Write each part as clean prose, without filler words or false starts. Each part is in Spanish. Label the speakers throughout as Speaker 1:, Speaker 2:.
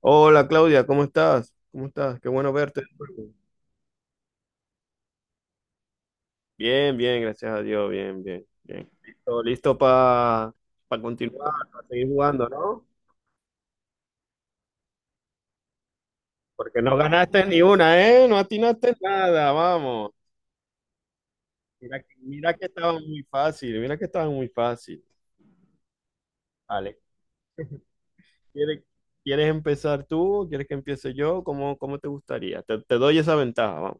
Speaker 1: Hola Claudia, ¿cómo estás? ¿Cómo estás? Qué bueno verte de nuevo. Bien, bien, gracias a Dios, bien, bien, bien. Listo, listo para continuar, para seguir jugando, ¿no? Porque no ganaste ni una, ¿eh? No atinaste nada, vamos. Mira, mira que estaba muy fácil, mira que estaba muy fácil. Vale, ¿quieres, quieres empezar tú? ¿Quieres que empiece yo? ¿Cómo te gustaría? Te doy esa ventaja, vamos.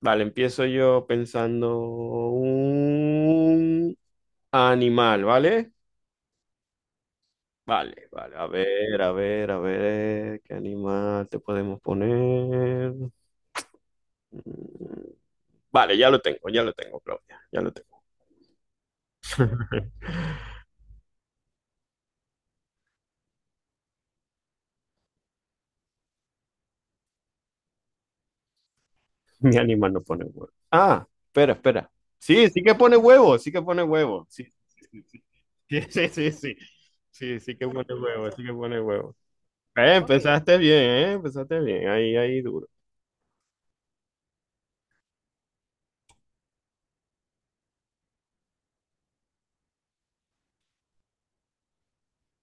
Speaker 1: Vale, empiezo yo pensando un animal, ¿vale? Vale, vale, a ver, a ver, a ver, ¿qué animal te podemos poner? Mm, Vale, ya lo tengo, Claudia, ya lo tengo. Mi animal no pone huevo. Ah, espera, espera. Sí, sí que pone huevo, sí que pone huevo. Sí, sí, sí, sí, sí, sí, sí, sí, sí sí que pone huevo, sí que pone huevo. Ok, empezaste bien, ahí duro.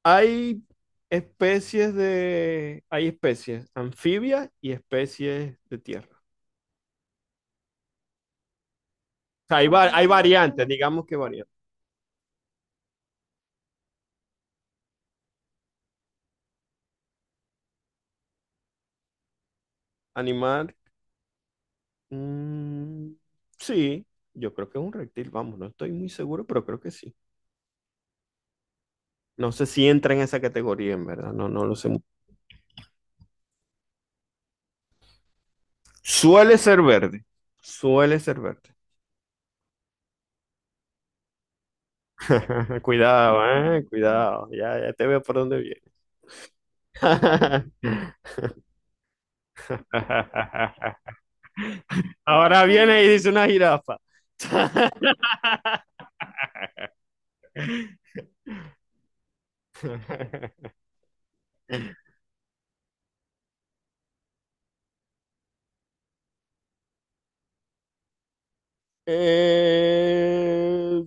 Speaker 1: Hay hay especies anfibias y especies de tierra. Sea, hay variantes, digamos que variantes. Animal. mm, sí, yo creo que es un reptil, vamos, no estoy muy seguro, pero creo que sí. No sé si entra en esa categoría, en verdad, no, no lo sé. Suele ser verde, suele ser verde. Cuidado, cuidado, ya te veo por dónde viene. Ahora viene y dice una jirafa. Eh,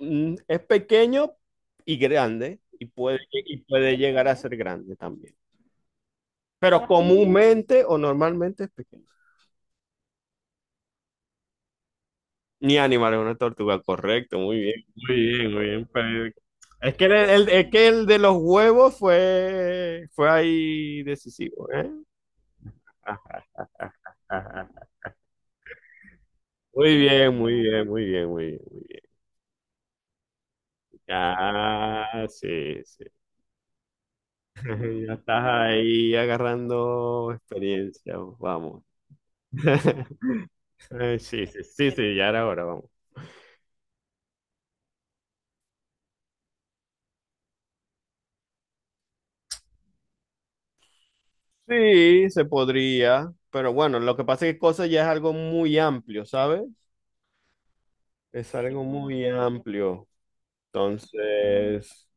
Speaker 1: es pequeño y grande y puede llegar a ser grande también. Pero comúnmente o normalmente es pequeño. Ni animal es una tortuga, correcto, muy bien, muy bien, muy bien. Pero es que el de los huevos fue ahí decisivo, ¿eh? Ah, ah, ah, ah. Muy bien, muy bien, muy bien, muy bien, muy bien. Ah, sí, sí. Ya estás ahí agarrando experiencia, vamos. Sí, sí, sí, sí, ya era hora, vamos. Sí, se podría, pero bueno, lo que pasa es que cosas ya es algo muy amplio, ¿sabes? Es algo muy amplio. Entonces,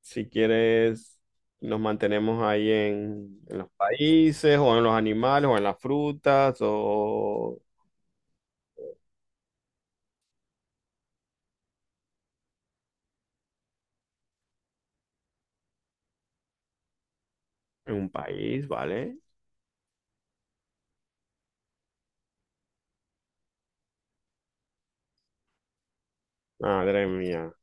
Speaker 1: si quieres, nos mantenemos ahí en los países, o en los animales, o en las frutas, o en un país, ¿vale? Madre mía,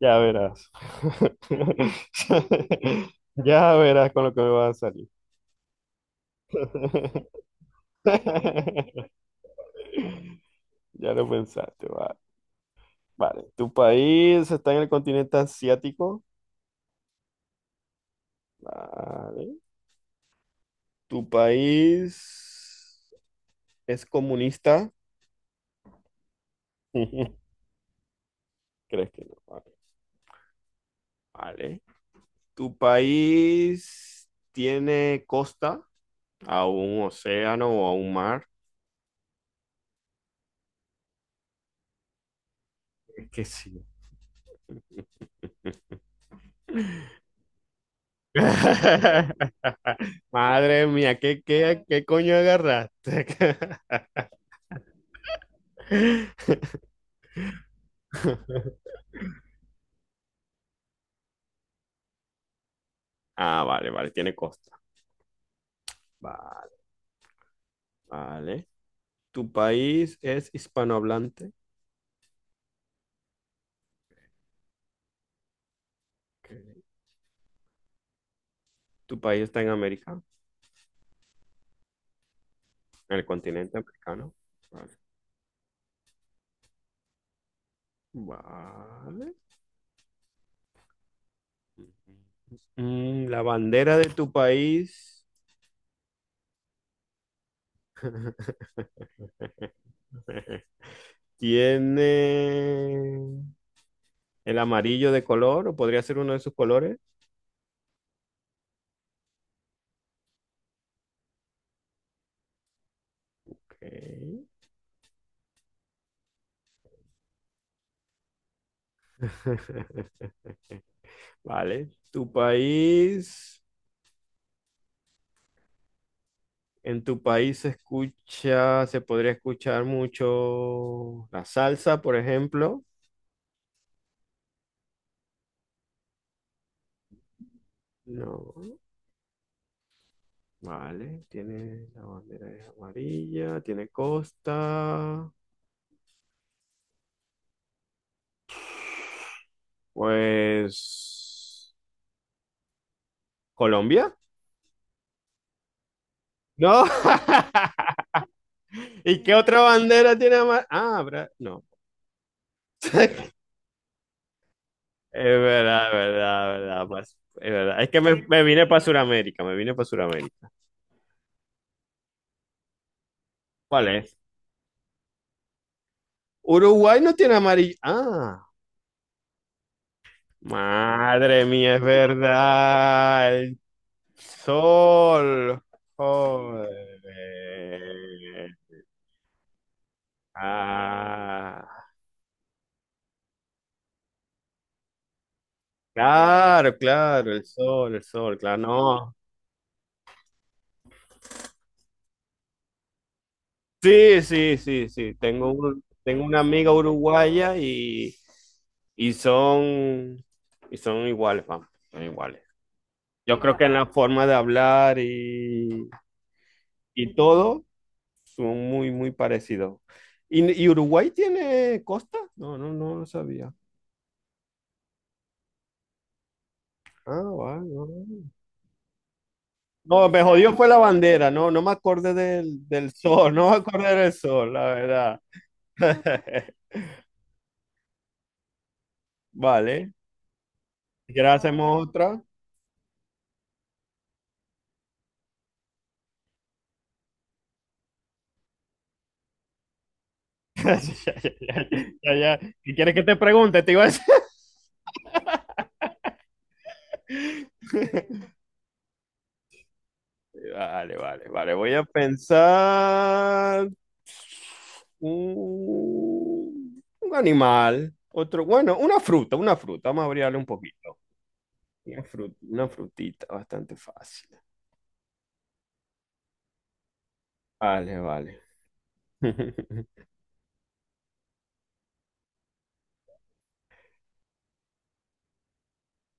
Speaker 1: ya verás. Ya verás con lo que me va a salir. Ya lo pensaste, va. Vale. ¿Tu país está en el continente asiático? Vale. ¿Tu país es comunista? ¿Crees que no? Vale. Vale. ¿Tu país tiene costa? ¿A un océano o a un mar? Es que sí. Madre mía, ¿qué coño agarraste? Ah, vale, vale, tiene costa. Va- Vale. ¿Tu país es hispanohablante? Ok. ¿Tu país está en América? ¿En el continente americano? Vale. Vale. La bandera de tu país tiene el amarillo de color o podría ser uno de sus colores. Ok. Vale. En tu país se podría escuchar mucho la salsa, por ejemplo. No. Vale, tiene la bandera es amarilla, tiene costa. Pues, ¿Colombia? No. ¿Y qué otra bandera tiene amarilla? Ah, no. Es verdad, es verdad, es verdad, pues, es verdad. Sí. Me vine para Sudamérica, me vine para Sudamérica. ¿Cuál es? Uruguay no tiene amarillo. Ah, madre mía, es verdad. El sol. Joder. Ah, claro, claro, el sol, claro, no. Sí, sí, sí, sí. Tengo una amiga uruguaya y son, y son iguales, vamos, son iguales. Yo creo que en la forma de hablar y todo son muy, muy parecidos. ¿Y Uruguay tiene costa? No, no, no lo sabía. Ah, vale. Vale. No, me jodió fue la bandera, no, no me acordé del sol, no me acordé del sol, la verdad. Vale, si quieres hacemos otra. Ya, ya, ya, ya. ¿Qué quieres que te pregunte? Te iba a decir. Vale, vale, vale, voy a pensar un animal, otro, bueno, una fruta, vamos a abrirle un poquito. Una frutita, bastante fácil. Vale, vale.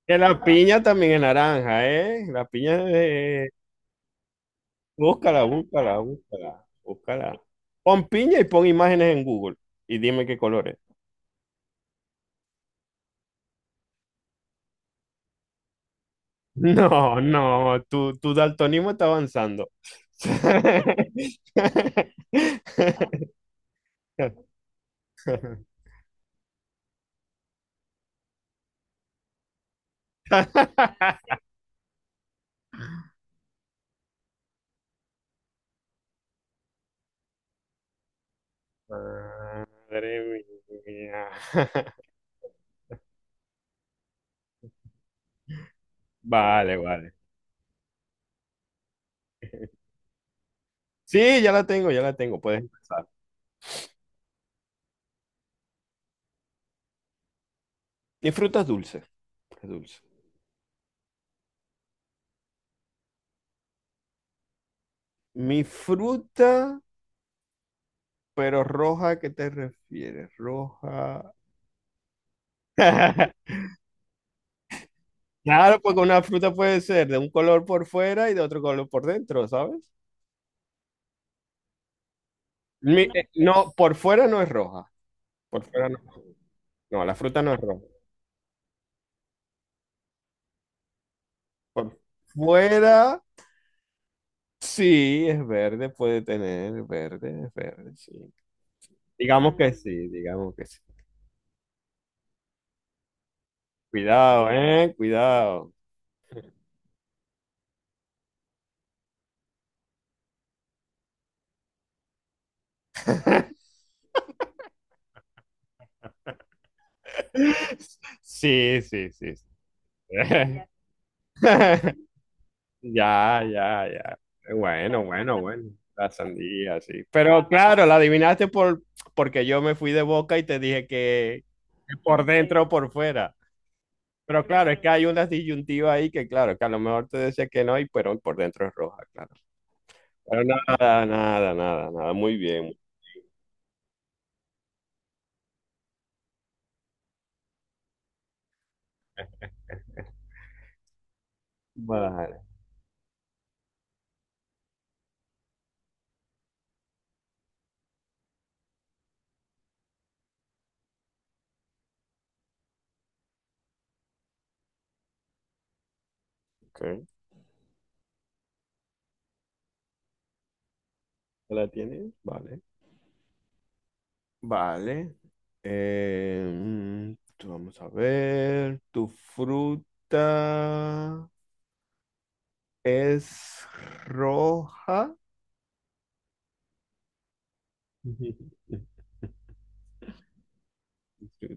Speaker 1: Que la piña también es naranja, ¿eh? La piña es... Búscala, búscala, búscala, búscala. Pon piña y pon imágenes en Google y dime qué colores. No, no, tu daltonismo está avanzando. Madre mía. Vale, vale. Sí, ya la tengo, puedes empezar. Mi fruta es dulce, es dulce. Mi fruta... Pero roja, ¿a qué te refieres? Roja. Claro, porque una fruta puede ser de un color por fuera y de otro color por dentro, ¿sabes? No, por fuera no es roja. Por fuera no. No, la fruta no es roja. Por fuera sí es verde, puede tener verde, es verde, sí. Digamos que sí, digamos que sí. Cuidado, ¿eh? Cuidado. Sí, sí, sí, sí. Ya, ya, ya. Bueno, bueno, bueno. La sandía, sí. Pero claro, la adivinaste porque yo me fui de boca y te dije que por dentro o por fuera. Pero claro, es que hay unas disyuntivas ahí que, claro, que a lo mejor te decía que no, y pero por dentro es roja, claro. Pero nada, nada, nada, nada. Muy bien. Vale. Ok. ¿La tienes? Vale. Vale. Eh, mm, Vamos a ver. Tu fruta es roja.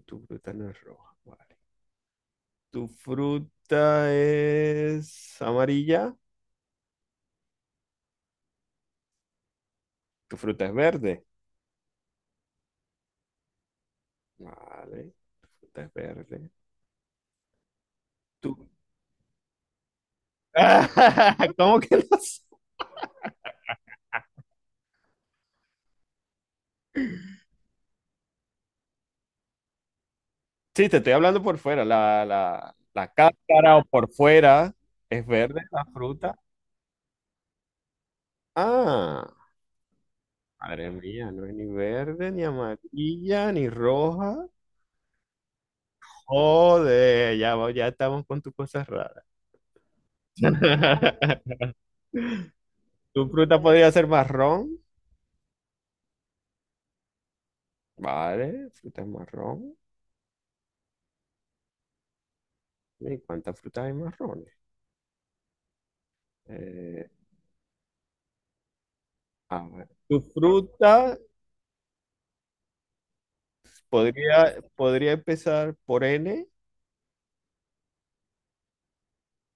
Speaker 1: Tu fruta no es roja, vale. Tu fruta es amarilla. Tu fruta es verde. Vale. Tu fruta es verde. Tu... ¿Cómo que no sé? Sí, te estoy hablando por fuera. La cáscara o por fuera es verde la fruta. Ah, madre mía, no es ni verde, ni amarilla, ni roja. Joder, ya estamos con tus cosas raras. Tu fruta podría ser marrón. Vale, fruta es marrón. ¿Y cuántas frutas hay marrones? Eh, a ver. Tu fruta podría empezar por N.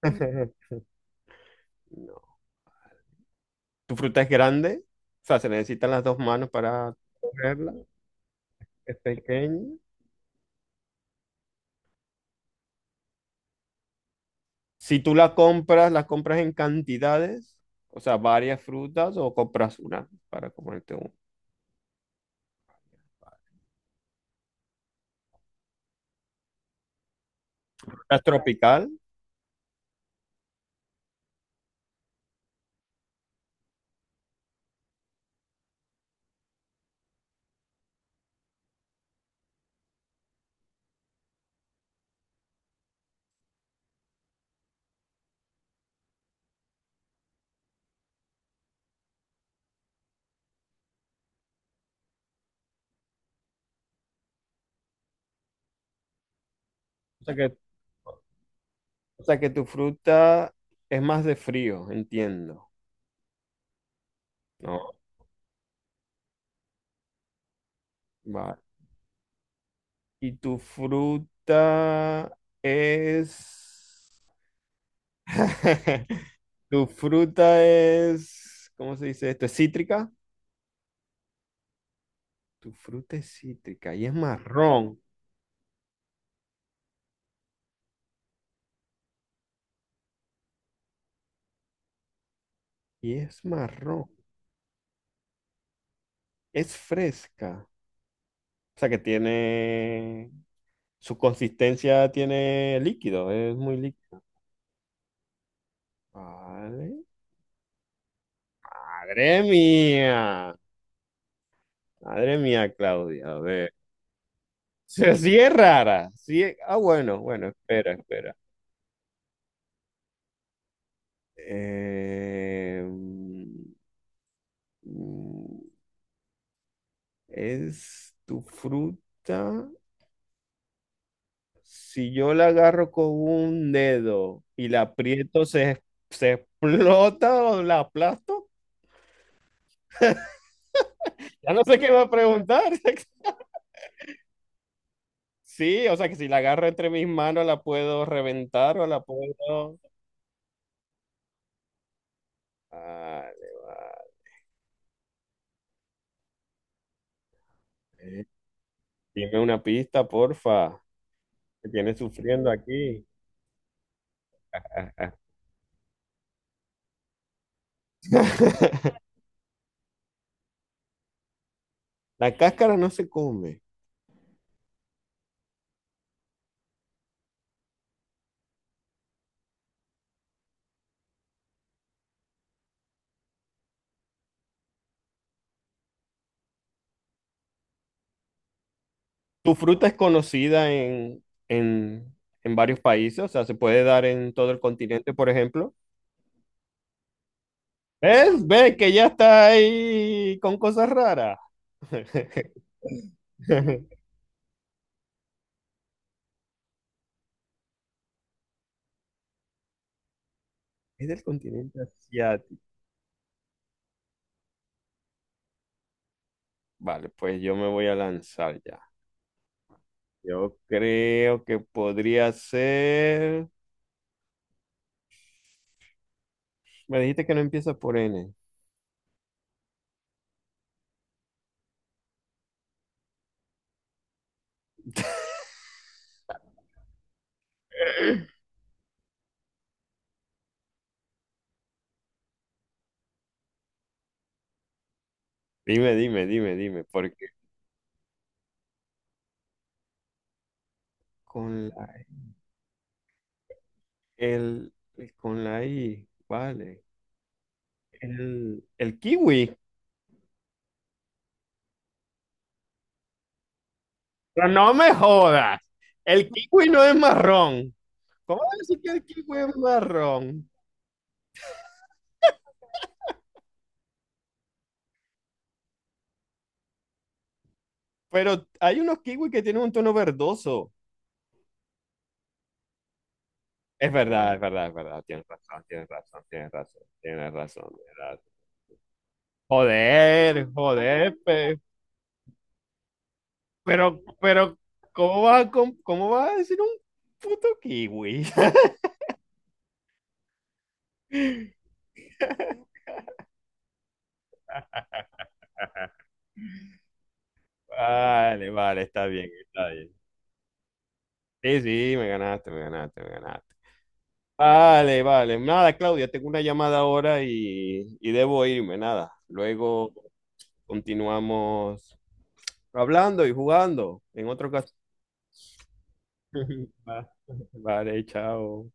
Speaker 1: No. Tu fruta es grande. O sea, se necesitan las dos manos para cogerla. Es pequeña. Si tú la compras en cantidades. O sea, varias frutas o compras una para comerte una. Fruta es tropical. O sea que O sea que tu fruta es más de frío, entiendo. No, vale. Y tu fruta es... ¿Cómo se dice esto? ¿Es cítrica? Tu fruta es cítrica y es marrón. Y es marrón. Es fresca. O sea que tiene... Su consistencia tiene líquido, es muy líquido. Vale. Madre mía. Madre mía, Claudia. A ver. Sí es rara. Ah, bueno, bueno, espera, espera. Eh, mm, es tu fruta. Si yo la agarro con un dedo y la aprieto, ¿se explota o la aplasto? Ya no sé qué va a preguntar. Sí, o sea que si la agarro entre mis manos, la puedo reventar o la puedo... Vale, vale. Dime una pista, porfa. Me tienes sufriendo aquí. La cáscara no se come. Tu fruta es conocida en, en varios países, o sea, se puede dar en todo el continente, por ejemplo. ¿Ves? Ve que ya está ahí con cosas raras. Es del continente asiático. Vale, pues yo me voy a lanzar ya. Yo creo que podría ser... Me dijiste que no empieza por N. Dime, dime, dime, dime, porque con la, el, con la I, vale. El kiwi. Pero no me jodas. El kiwi no es marrón. ¿Cómo vas a decir que el kiwi es marrón? Pero hay unos kiwis que tienen un tono verdoso. Es verdad, es verdad, es verdad. Tienes razón, tienes razón, tienes razón, tienes razón, tienes razón. Joder, joder, pero, ¿cómo vas a decir un puto kiwi? Vale, vale, está bien, está bien. Sí, sí, me ganaste, me ganaste, me ganaste. Vale, vale. Nada, Claudia, tengo una llamada ahora y debo irme, nada. Luego continuamos hablando y jugando en otro caso. Va- Vale, chao.